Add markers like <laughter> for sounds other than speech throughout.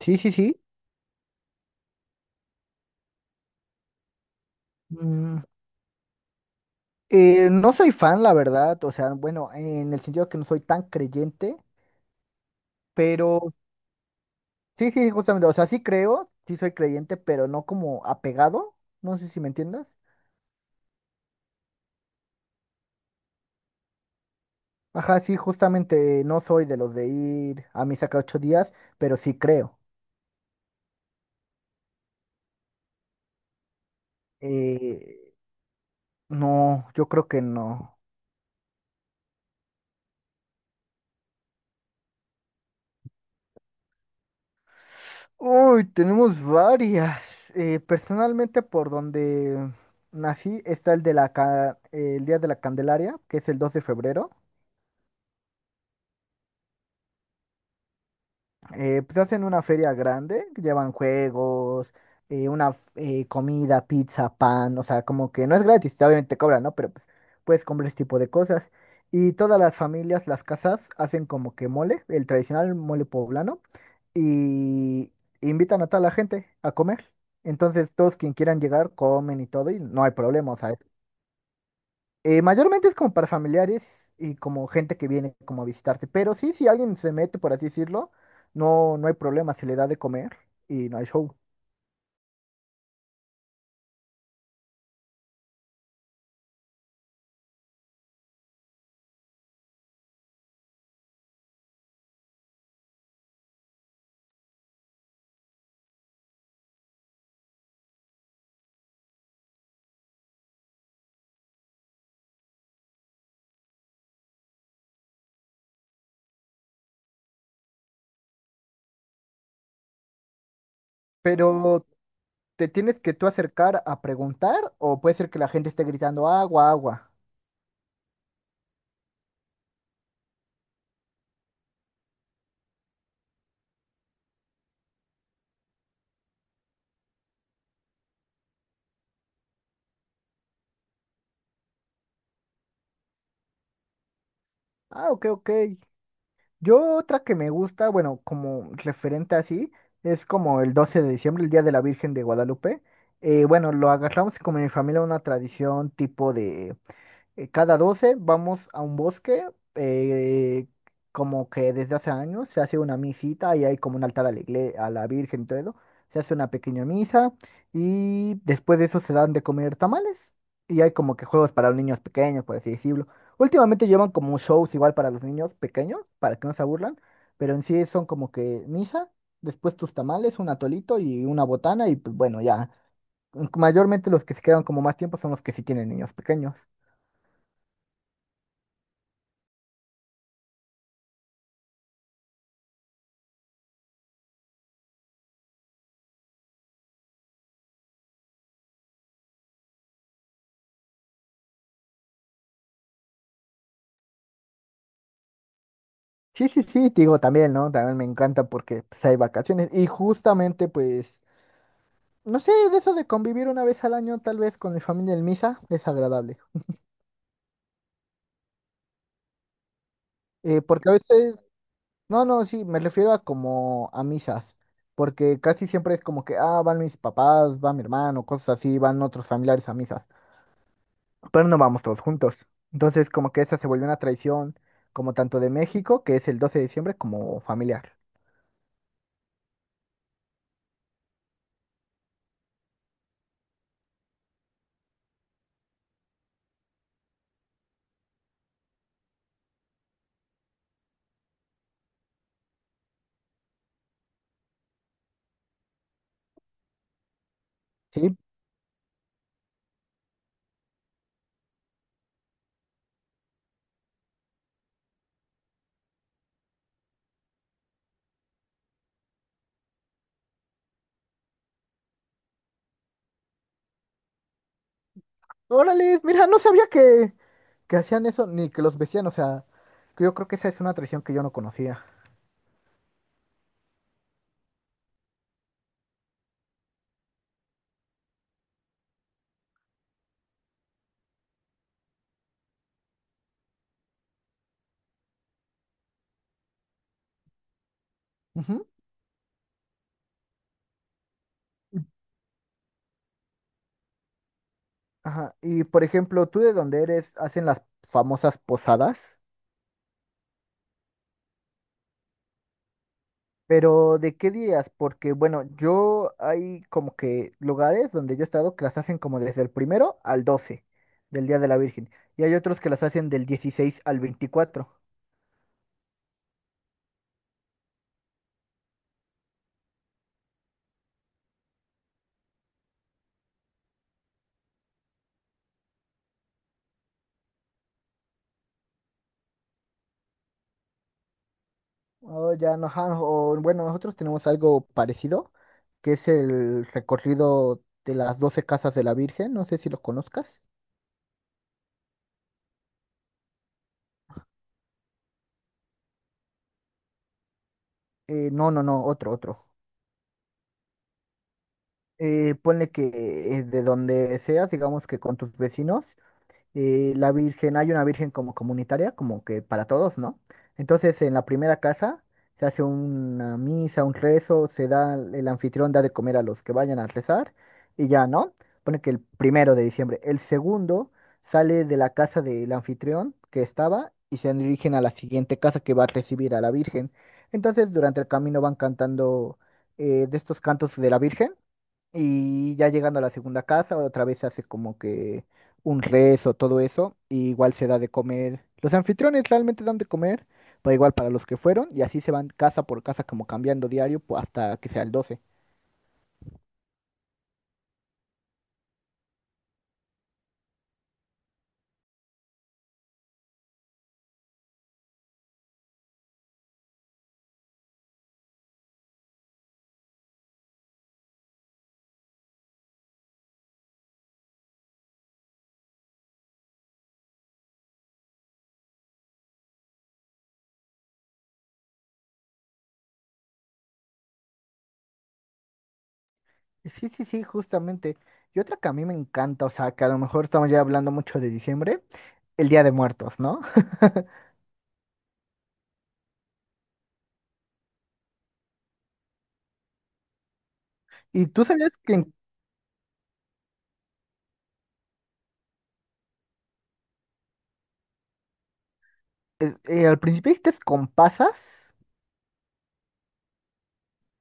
Sí, sí, sí. Mm, no soy fan, la verdad. O sea, bueno, en el sentido que no soy tan creyente, pero sí, sí, justamente. O sea, sí creo, sí soy creyente, pero no como apegado. No sé si me entiendas. Ajá, sí, justamente no soy de los de ir a misa cada ocho días, pero sí creo. Eh, no, yo creo que no. Uy, tenemos varias. Personalmente, por donde nací, está el Día de la Candelaria, que es el 2 de febrero. Pues hacen una feria grande, llevan juegos, una comida, pizza, pan, o sea, como que no es gratis, obviamente cobran, ¿no? Pero pues puedes comprar ese tipo de cosas. Y todas las familias, las casas, hacen como que mole, el tradicional mole poblano, y invitan a toda la gente a comer. Entonces, todos quien quieran llegar comen y todo, y no hay problema, o sea, mayormente es como para familiares y como gente que viene como a visitarte. Pero sí, si alguien se mete, por así decirlo, no, no hay problema, se le da de comer y no hay show. Pero te tienes que tú acercar a preguntar o puede ser que la gente esté gritando agua, agua. Ah, ok, ok. Yo otra que me gusta, bueno, como referente así, es como el 12 de diciembre, el Día de la Virgen de Guadalupe. Bueno, lo agarramos como en mi familia una tradición tipo de... Cada 12 vamos a un bosque, eh, como que desde hace años se hace una misita y hay como un altar a la Virgen, y todo eso. Se hace una pequeña misa y después de eso se dan de comer tamales y hay como que juegos para los niños pequeños, por así decirlo. Últimamente llevan como shows igual para los niños pequeños, para que no se aburran, pero en sí son como que misa, después tus tamales, un atolito y una botana y pues bueno, ya. Mayormente los que se quedan como más tiempo son los que sí tienen niños pequeños. Sí, sí, sí, te digo también, ¿no? También me encanta porque pues, hay vacaciones y justamente pues, no sé, de eso de convivir una vez al año tal vez con mi familia en misa es agradable. Porque a veces, no, no, sí, me refiero a como a misas, porque casi siempre es como que, ah, van mis papás, va mi hermano, cosas así, van otros familiares a misas, pero no vamos todos juntos. Entonces como que esa se volvió una tradición como tanto de México, que es el 12 de diciembre, como familiar. Sí, órale, mira, no sabía que hacían eso ni que los vestían, o sea, que yo creo que esa es una tradición que yo no conocía. Ujú. Y- Ajá, y por ejemplo, ¿tú de dónde eres? ¿Hacen las famosas posadas? Pero ¿de qué días? Porque bueno, yo hay como que lugares donde yo he estado que las hacen como desde el primero al 12 del Día de la Virgen. Y hay otros que las hacen del 16 al veinticuatro. Oh, ya no, ajá, o, bueno, nosotros tenemos algo parecido, que es el recorrido de las 12 casas de la Virgen. No sé si los conozcas. No, no, no, otro, otro. Ponle que de donde seas, digamos que con tus vecinos. La virgen, hay una virgen como comunitaria, como que para todos, ¿no? Entonces en la primera casa se hace una misa, un rezo, se da, el anfitrión da de comer a los que vayan a rezar y ya, ¿no? Pone que el primero de diciembre. El segundo sale de la casa del anfitrión que estaba y se dirigen a la siguiente casa que va a recibir a la virgen. Entonces durante el camino van cantando de estos cantos de la virgen. Y ya llegando a la segunda casa, otra vez se hace como que un rezo, todo eso, y igual se da de comer. Los anfitriones realmente dan de comer, pero igual para los que fueron. Y así se van casa por casa, como cambiando diario, hasta que sea el doce. Sí, sí, sí, justamente. Y otra que a mí me encanta, o sea, que a lo mejor estamos ya hablando mucho de diciembre, el Día de Muertos, ¿no? <laughs> ¿Y tú sabías que Al principio dijiste con pasas?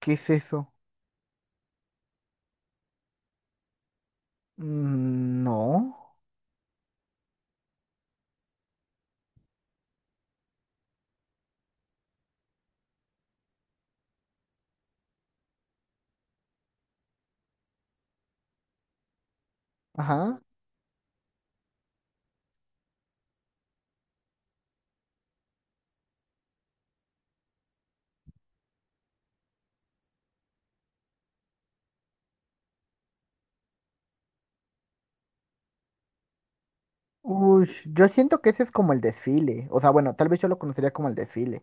¿Qué es eso? Mm, no. Ajá. Uy, yo siento que ese es como el desfile. O sea, bueno, tal vez yo lo conocería como el desfile.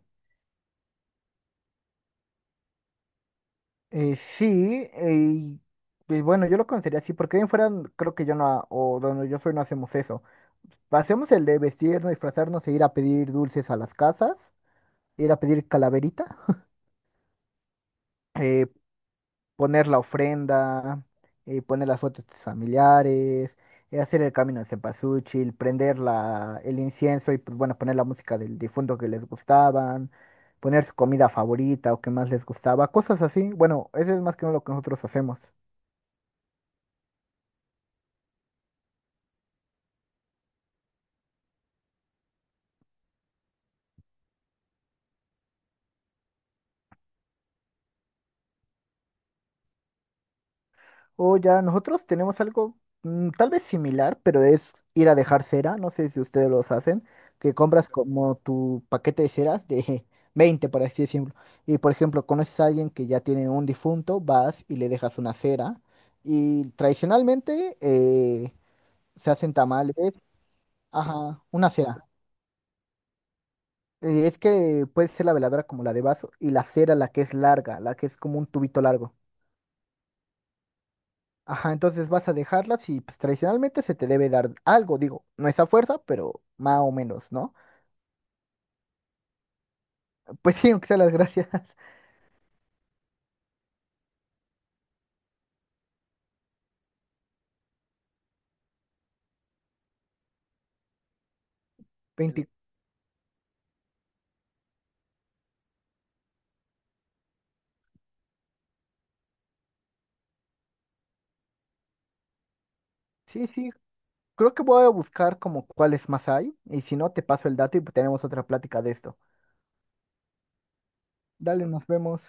Sí, pues bueno, yo lo conocería así, porque bien fuera, creo que yo no, o donde yo soy no hacemos eso. Hacemos el de vestirnos, disfrazarnos e ir a pedir dulces a las casas, ir a pedir calaverita. eh, poner la ofrenda, poner las fotos de tus familiares, hacer el camino de cempasúchil, prender el incienso y pues bueno, poner la música del difunto que les gustaban, poner su comida favorita o que más les gustaba, cosas así. Bueno, eso es más que nada lo que nosotros hacemos. O ya, nosotros tenemos algo tal vez similar, pero es ir a dejar cera. No sé si ustedes los hacen, que compras como tu paquete de ceras de <laughs> 20, por así decirlo. Y por ejemplo, conoces a alguien que ya tiene un difunto, vas y le dejas una cera. Y tradicionalmente se hacen tamales, ajá, una cera. Es que puede ser la veladora como la de vaso y la cera la que es larga, la que es como un tubito largo. Ajá, entonces vas a dejarlas y pues tradicionalmente se te debe dar algo, digo, no es a fuerza, pero más o menos, ¿no? <laughs> Pues sí, aunque sea las gracias. <laughs> 20. Sí, sí, creo que voy a buscar como cuáles más hay y si no, te paso el dato y tenemos otra plática de esto. Dale, nos vemos.